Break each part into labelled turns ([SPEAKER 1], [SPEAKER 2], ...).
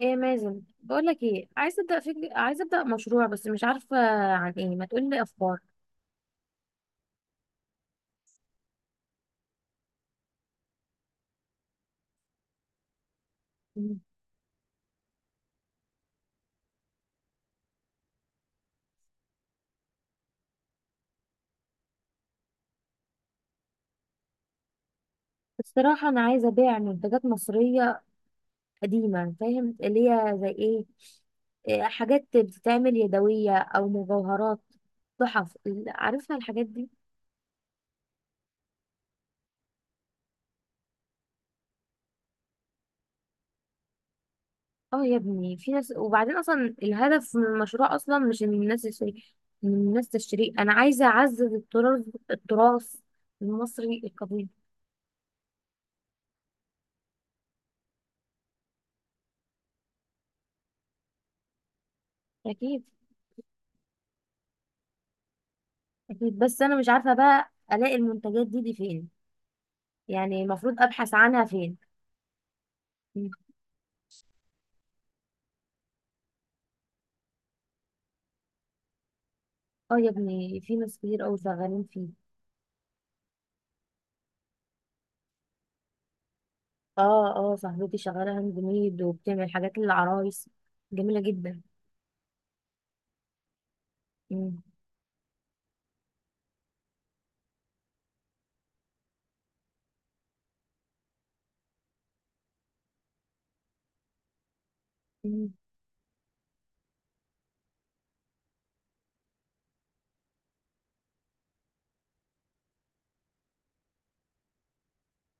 [SPEAKER 1] ايه يا مازن، بقول لك ايه، عايزه ابدا مشروع بس مش عارفه عن ايه. ما تقول لي افكار. مم. الصراحه انا عايزه ابيع منتجات مصريه قديمه، فاهم اللي هي زي ايه؟ إيه، حاجات بتتعمل يدويه او مجوهرات، تحف عارفها الحاجات دي. اه يا ابني في ناس، وبعدين اصلا الهدف من المشروع اصلا مش ان الناس تشتري، ان الناس تشتري، انا عايزه اعزز التراث المصري القديم. اكيد. بس أنا مش عارفة بقى ألاقي المنتجات دي فين، يعني المفروض أبحث عنها فين. مم. اه يا ابني في ناس كتير أوي شغالين فيه. اه، اه، صاحبتي شغالة هاند ميد وبتعمل حاجات للعرايس. جميلة جدا. مم. مم.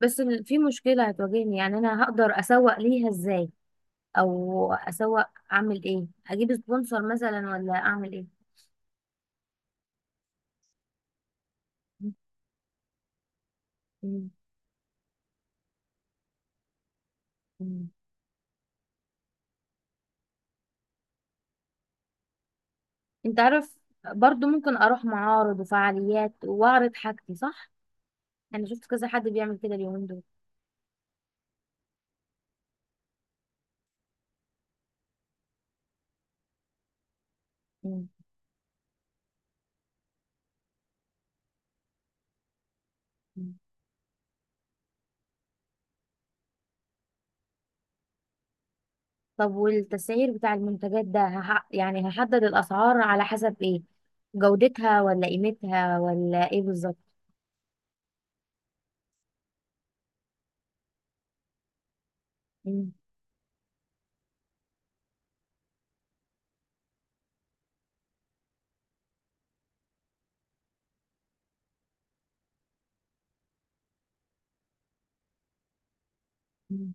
[SPEAKER 1] بس في مشكلة هتواجهني، يعني أنا هقدر أسوق ليها إزاي؟ أو أسوق، أعمل إيه أجيب سبونسر مثلا ولا أعمل إيه؟ مم. مم. أنت عارف، برضو ممكن أروح معارض وفعاليات وأعرض حاجتي، صح؟ انا شفت كذا حد بيعمل كده اليومين دول. مم. مم. طب والتسعير بتاع المنتجات ده يعني هحدد الاسعار على حسب ايه، جودتها ولا قيمتها ولا ايه بالظبط؟ مم. مم.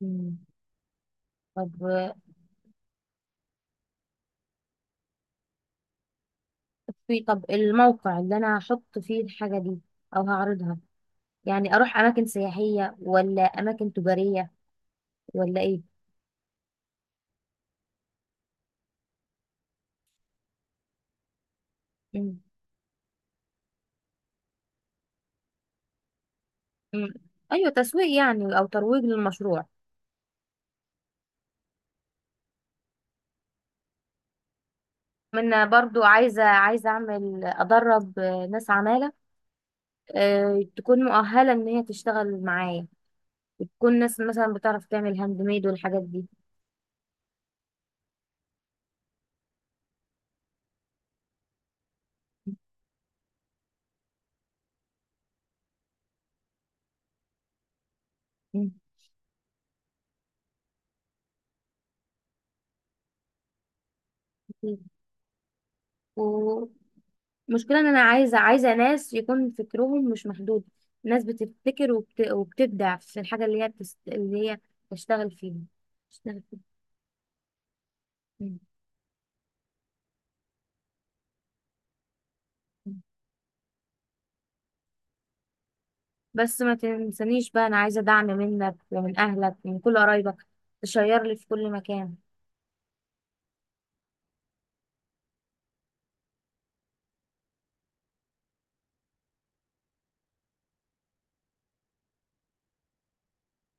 [SPEAKER 1] مم. طب في طب الموقع اللي انا هحط فيه الحاجة دي او هعرضها، يعني اروح اماكن سياحية ولا اماكن تجارية ولا ايه؟ مم. مم. ايوه، تسويق يعني او ترويج للمشروع. برضو عايزة ادرب ناس عمالة، تكون مؤهلة إن هي تشتغل معايا، وتكون ناس مثلا بتعرف تعمل هاند ميد والحاجات دي. ومشكلة إن أنا عايزة ناس يكون فكرهم مش محدود، ناس بتبتكر وبتبدع في الحاجة اللي هي اللي هي تشتغل فيها تشتغل فيها. مم. بس ما تنسانيش بقى، أنا عايزة دعم منك ومن أهلك ومن كل قرايبك. تشير لي في كل مكان.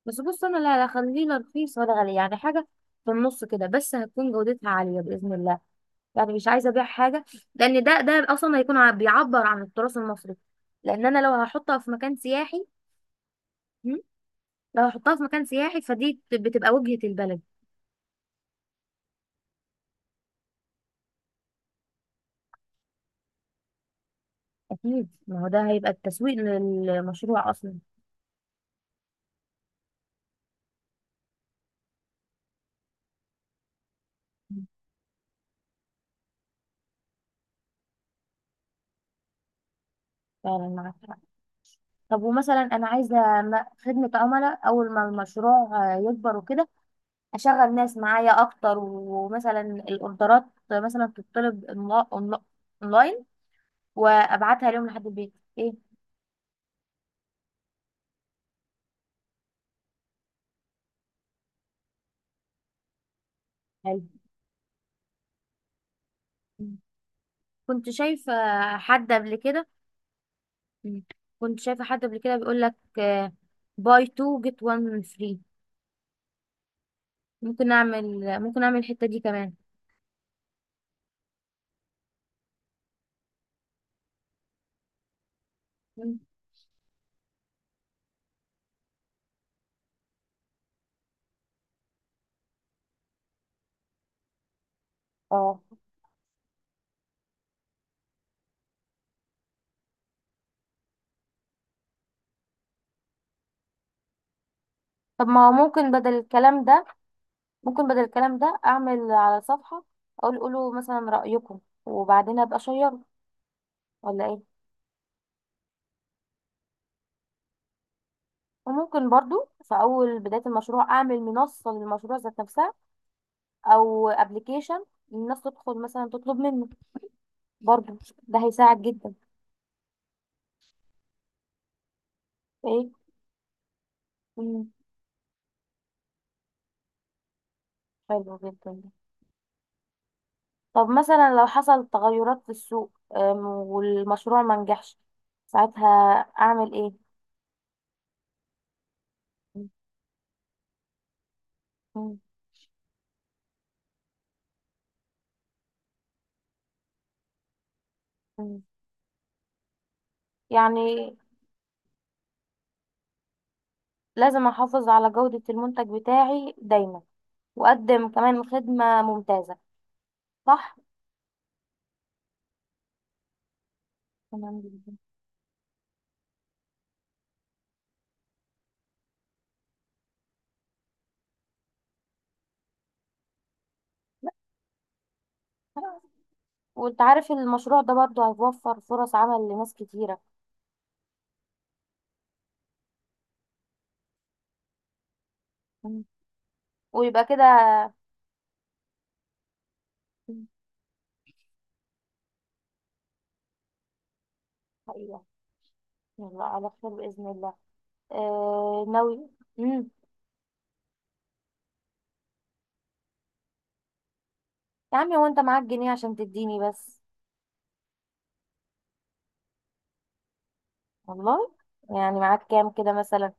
[SPEAKER 1] بس بص، أنا لا لا، خليه لا رخيص ولا غالي، يعني حاجة في النص كده، بس هتكون جودتها عالية بإذن الله. يعني مش عايزه ابيع حاجه، لان ده اصلا هيكون بيعبر عن التراث المصري. لان انا لو هحطها في مكان سياحي، مم، لو هحطها في مكان سياحي فدي بتبقى وجهة البلد. اكيد، ما هو ده هيبقى التسويق للمشروع اصلا. مم. فعلا معاك حق. طب ومثلا انا عايزه خدمه عملاء، اول ما المشروع يكبر وكده، اشغل ناس معايا اكتر، ومثلا الاوردرات، مثلا تطلب اونلاين وابعتها لهم لحد البيت. ايه؟ حلو. كنت شايفة حد قبل كده. مم. كنت شايفة حد قبل كده بيقول لك باي 2 جيت 1 فري. ممكن اعمل الحتة دي كمان. مم. اه. طب ما هو ممكن بدل الكلام ده، اعمل على صفحة، اقول قولوا مثلا رأيكم، وبعدين ابقى اشيره، ولا ايه؟ وممكن برضو في اول بداية المشروع اعمل منصة للمشروع ذات نفسها، او ابلكيشن، الناس تدخل مثلا تطلب منه. برضو ده هيساعد جدا. ايه؟ حلو جدا. طب مثلا لو حصل تغيرات في السوق، والمشروع ما نجحش، ساعتها اعمل ايه؟ مم. مم. يعني لازم احافظ على جودة المنتج بتاعي دايما، واقدم كمان خدمة ممتازة. صح. تمام جدا. وانت عارف المشروع ده برضو هيوفر فرص عمل لناس كتيرة. مم. ويبقى كده. مم. حقيقة. يلا على خير بإذن الله. آه ناوي. مم. يا عمي، وانت معاك جنيه عشان تديني بس. والله. يعني معاك كام كده مثلا؟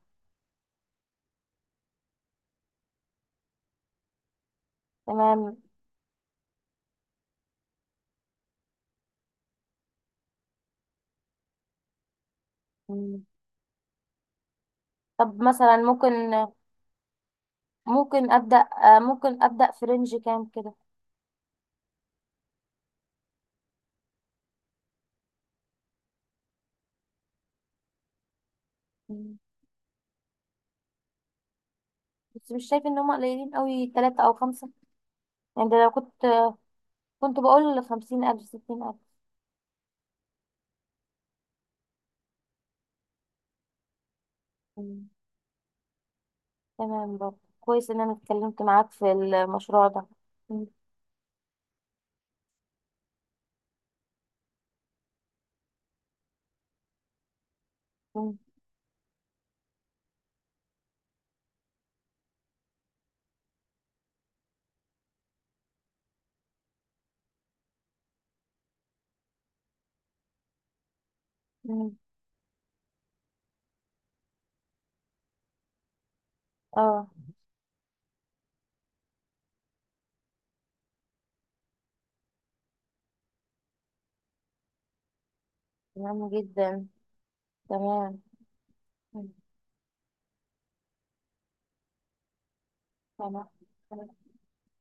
[SPEAKER 1] تمام. مم. طب مثلا ممكن، ممكن ابدا آه، ممكن ابدا في رينج كام كده؟ مم. بس مش شايف ان هم قليلين قوي، ثلاثة او خمسة. يعني ده لو كنت، كنت بقول 50,000 60,000. مم. تمام برضه كويس ان انا اتكلمت معاك في المشروع ده. مم. مم. مم. اه. تمام جدا. تمام. مم. تمام